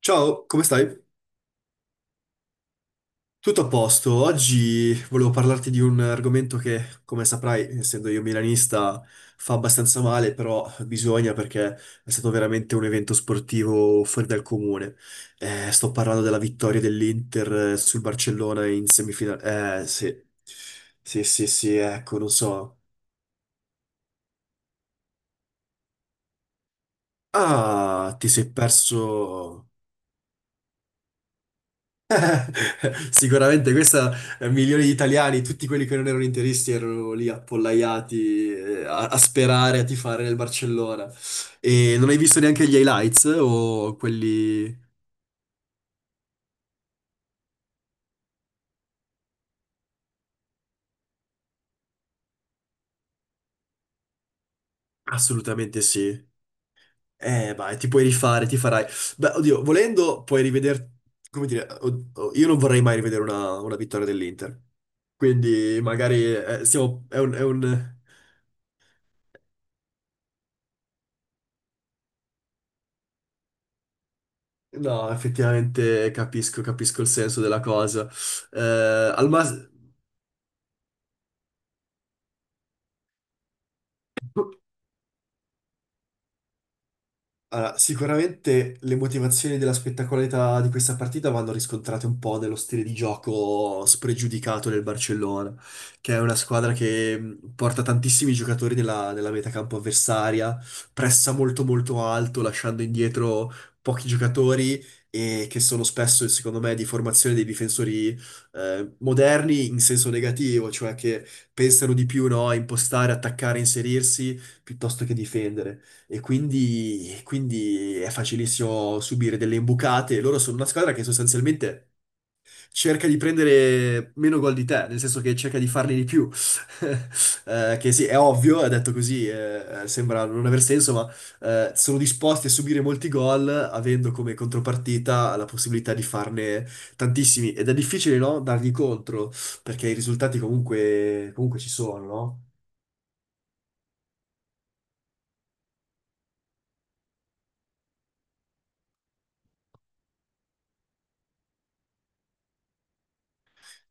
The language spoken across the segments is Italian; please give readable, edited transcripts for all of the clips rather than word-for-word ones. Ciao, come stai? Tutto a posto. Oggi volevo parlarti di un argomento che, come saprai, essendo io milanista, fa abbastanza male, però bisogna perché è stato veramente un evento sportivo fuori dal comune. Sto parlando della vittoria dell'Inter sul Barcellona in semifinale. Sì. Sì, sì, sì, ecco, non so. Ah, ti sei perso. Sicuramente questa, milioni di italiani, tutti quelli che non erano interisti erano lì appollaiati a sperare, a tifare nel Barcellona. E non hai visto neanche gli highlights o quelli. Assolutamente sì. Vai, ti puoi rifare, ti farai. Beh, oddio, volendo puoi rivedere. Come dire, oh, io non vorrei mai rivedere una vittoria dell'Inter. Quindi magari siamo. È un, è un. No, effettivamente capisco, capisco il senso della cosa. Eh, Al massimo. Allora, sicuramente le motivazioni della spettacolarità di questa partita vanno riscontrate un po' nello stile di gioco spregiudicato del Barcellona, che è una squadra che porta tantissimi giocatori nella metacampo avversaria, pressa molto molto alto, lasciando indietro pochi giocatori e che sono spesso, secondo me, di formazione dei difensori moderni in senso negativo, cioè che pensano di più, no, a impostare, attaccare, inserirsi piuttosto che difendere. E quindi è facilissimo subire delle imbucate. Loro sono una squadra che sostanzialmente cerca di prendere meno gol di te, nel senso che cerca di farne di più. Che sì, è ovvio, è detto così, sembra non aver senso, ma sono disposti a subire molti gol avendo come contropartita la possibilità di farne tantissimi. Ed è difficile, no? Dargli contro, perché i risultati comunque ci sono, no?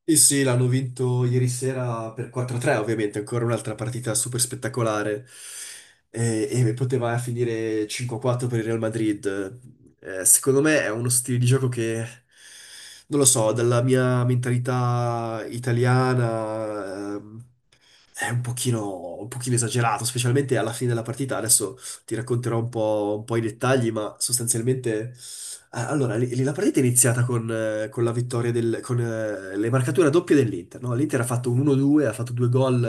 Sì, sì, l'hanno vinto ieri sera per 4-3, ovviamente, ancora un'altra partita super spettacolare. E poteva finire 5-4 per il Real Madrid. Secondo me è uno stile di gioco che, non lo so, dalla mia mentalità italiana, è un pochino esagerato, specialmente alla fine della partita. Adesso ti racconterò un po' i dettagli, ma sostanzialmente. Allora, lì la partita è iniziata con la vittoria del, con le marcature doppie dell'Inter, no? L'Inter ha fatto un 1-2, ha fatto due gol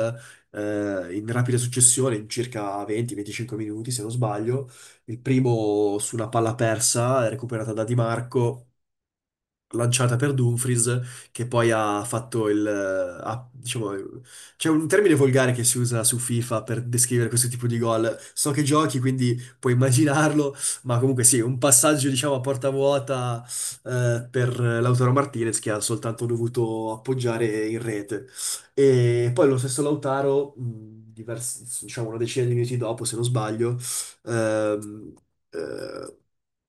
in rapida successione, in circa 20-25 minuti, se non sbaglio. Il primo su una palla persa, recuperata da Di Marco lanciata per Dumfries, che poi ha fatto diciamo, c'è un termine volgare che si usa su FIFA per descrivere questo tipo di gol. So che giochi, quindi puoi immaginarlo, ma comunque sì, un passaggio, diciamo, a porta vuota per Lautaro Martinez, che ha soltanto dovuto appoggiare in rete. E poi lo stesso Lautaro, diciamo una decina di minuti dopo, se non sbaglio, ehm, eh,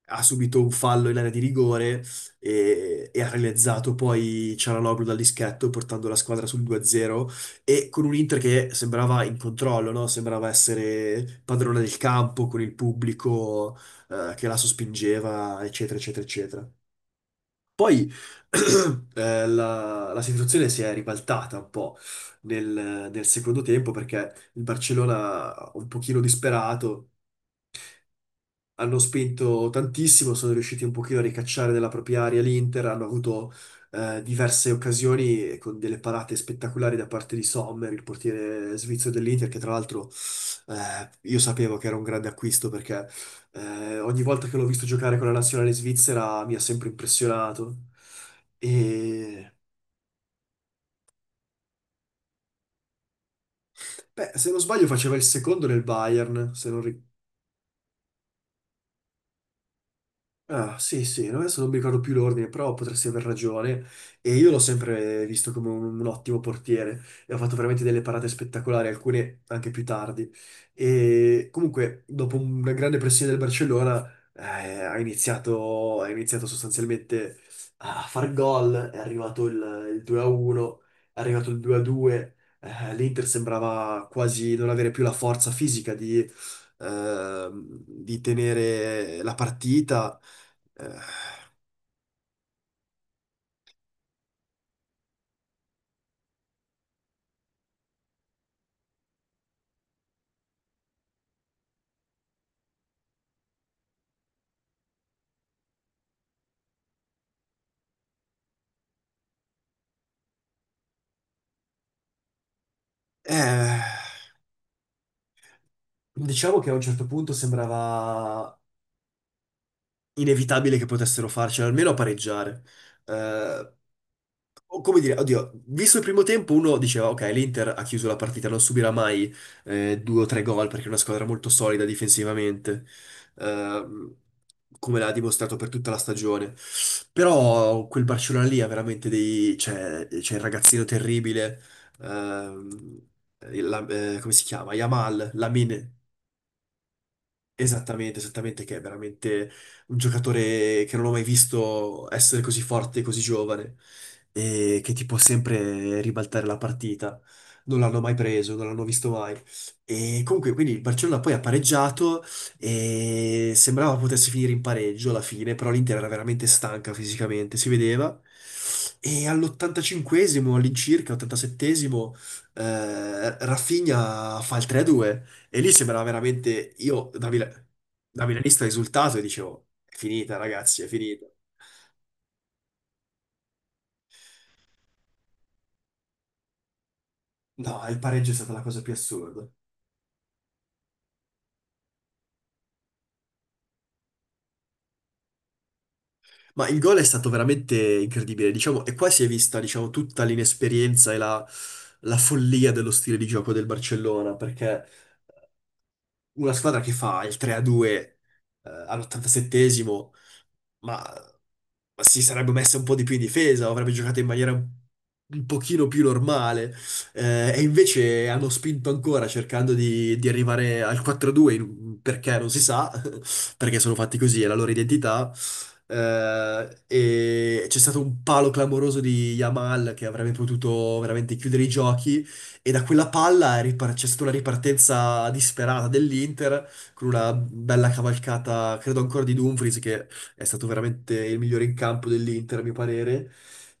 ha subito un fallo in area di rigore e ha realizzato poi Cialanoglu dal dischetto portando la squadra sul 2-0 e con un Inter che sembrava in controllo, no? Sembrava essere padrone del campo con il pubblico che la sospingeva, eccetera, eccetera, eccetera. Poi la situazione si è ribaltata un po' nel secondo tempo perché il Barcellona un pochino disperato hanno spinto tantissimo, sono riusciti un pochino a ricacciare nella propria area l'Inter, hanno avuto diverse occasioni con delle parate spettacolari da parte di Sommer, il portiere svizzero dell'Inter, che tra l'altro io sapevo che era un grande acquisto perché ogni volta che l'ho visto giocare con la nazionale svizzera mi ha sempre impressionato. E beh, se non sbaglio faceva il secondo nel Bayern. Se non ri- Ah, sì, sì, no, adesso non mi ricordo più l'ordine, però potresti aver ragione. E io l'ho sempre visto come un ottimo portiere e ha fatto veramente delle parate spettacolari, alcune anche più tardi. E comunque, dopo una grande pressione del Barcellona, eh, ha iniziato sostanzialmente a far gol. È arrivato il 2-1, è arrivato il 2-2. L'Inter sembrava quasi non avere più la forza fisica di tenere la partita, eh, eh, diciamo che a un certo punto sembrava inevitabile che potessero farcela, almeno a pareggiare. Eh, o come dire, oddio, visto il primo tempo uno diceva, ok, l'Inter ha chiuso la partita, non subirà mai due o tre gol perché è una squadra molto solida difensivamente, ehm, come l'ha dimostrato per tutta la stagione. Però quel Barcellona lì ha veramente dei... c'è c'è il ragazzino terribile, ehm, come si chiama? Yamal, Lamine. Esattamente, esattamente, che è veramente un giocatore che non ho mai visto essere così forte e così giovane e che ti può sempre ribaltare la partita. Non l'hanno mai preso, non l'hanno visto mai. E comunque, quindi il Barcellona poi ha pareggiato e sembrava potesse finire in pareggio alla fine, però l'Inter era veramente stanca fisicamente, si vedeva. E all85 all'incirca, 87esimo, Rafinha fa il 3-2. E lì sembrava veramente io da milanista risultato e dicevo, è finita ragazzi, è finita. No, il pareggio è stata la cosa più assurda. Ma il gol è stato veramente incredibile, diciamo, e qua si è vista, diciamo, tutta l'inesperienza e la follia dello stile di gioco del Barcellona, perché una squadra che fa il 3-2 all'87esimo ma, ma si sarebbe messa un po' di più in difesa, o avrebbe giocato in maniera un pochino più normale. E invece hanno spinto ancora cercando di arrivare al 4-2, perché non si sa, perché sono fatti così, è la loro identità. E c'è stato un palo clamoroso di Yamal che avrebbe potuto veramente chiudere i giochi e da quella palla c'è stata una ripartenza disperata dell'Inter con una bella cavalcata, credo ancora di Dumfries che è stato veramente il migliore in campo dell'Inter, a mio parere,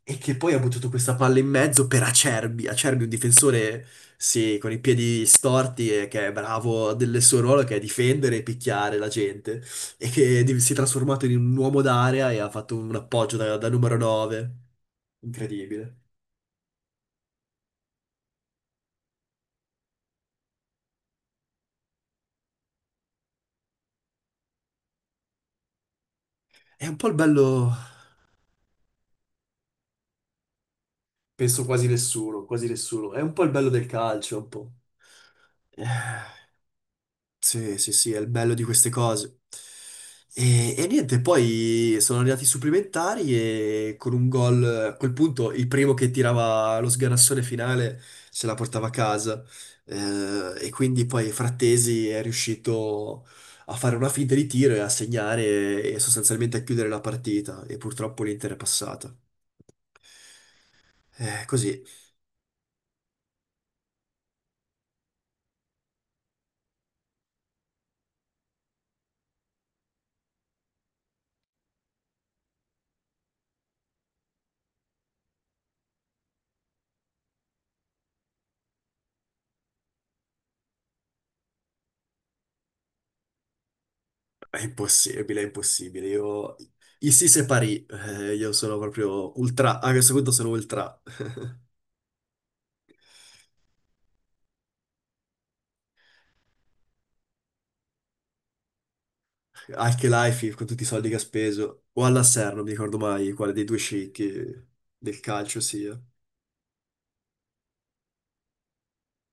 e che poi ha buttato questa palla in mezzo per Acerbi. Acerbi, un difensore, sì, con i piedi storti e che è bravo del suo ruolo, che è difendere e picchiare la gente, e si è trasformato in un uomo d'area e ha fatto un appoggio da numero 9. Incredibile. È un po' il bello, penso quasi nessuno, è un po' il bello del calcio, un po'. Sì, sì, sì, è il bello di queste cose. E niente, poi sono arrivati i supplementari e con un gol, a quel punto il primo che tirava lo sganassone finale se la portava a casa. E quindi poi Frattesi è riuscito a fare una finta di tiro e a segnare e sostanzialmente a chiudere la partita. E purtroppo l'Inter è passata. Così. È impossibile, è impossibile. Io. I Sisse Parì, io sono proprio ultra, a questo punto sono ultra. Anche Life con tutti i soldi che ha speso, o all'Asser, non mi ricordo mai quale dei due sceicchi del calcio sia.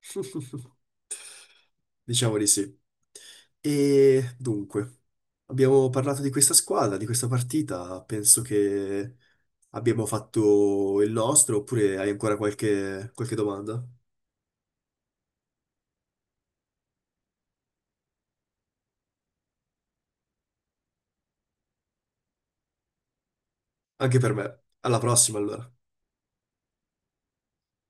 Diciamo di sì. E dunque, abbiamo parlato di questa squadra, di questa partita, penso che abbiamo fatto il nostro, oppure hai ancora qualche domanda? Anche per me. Alla prossima allora.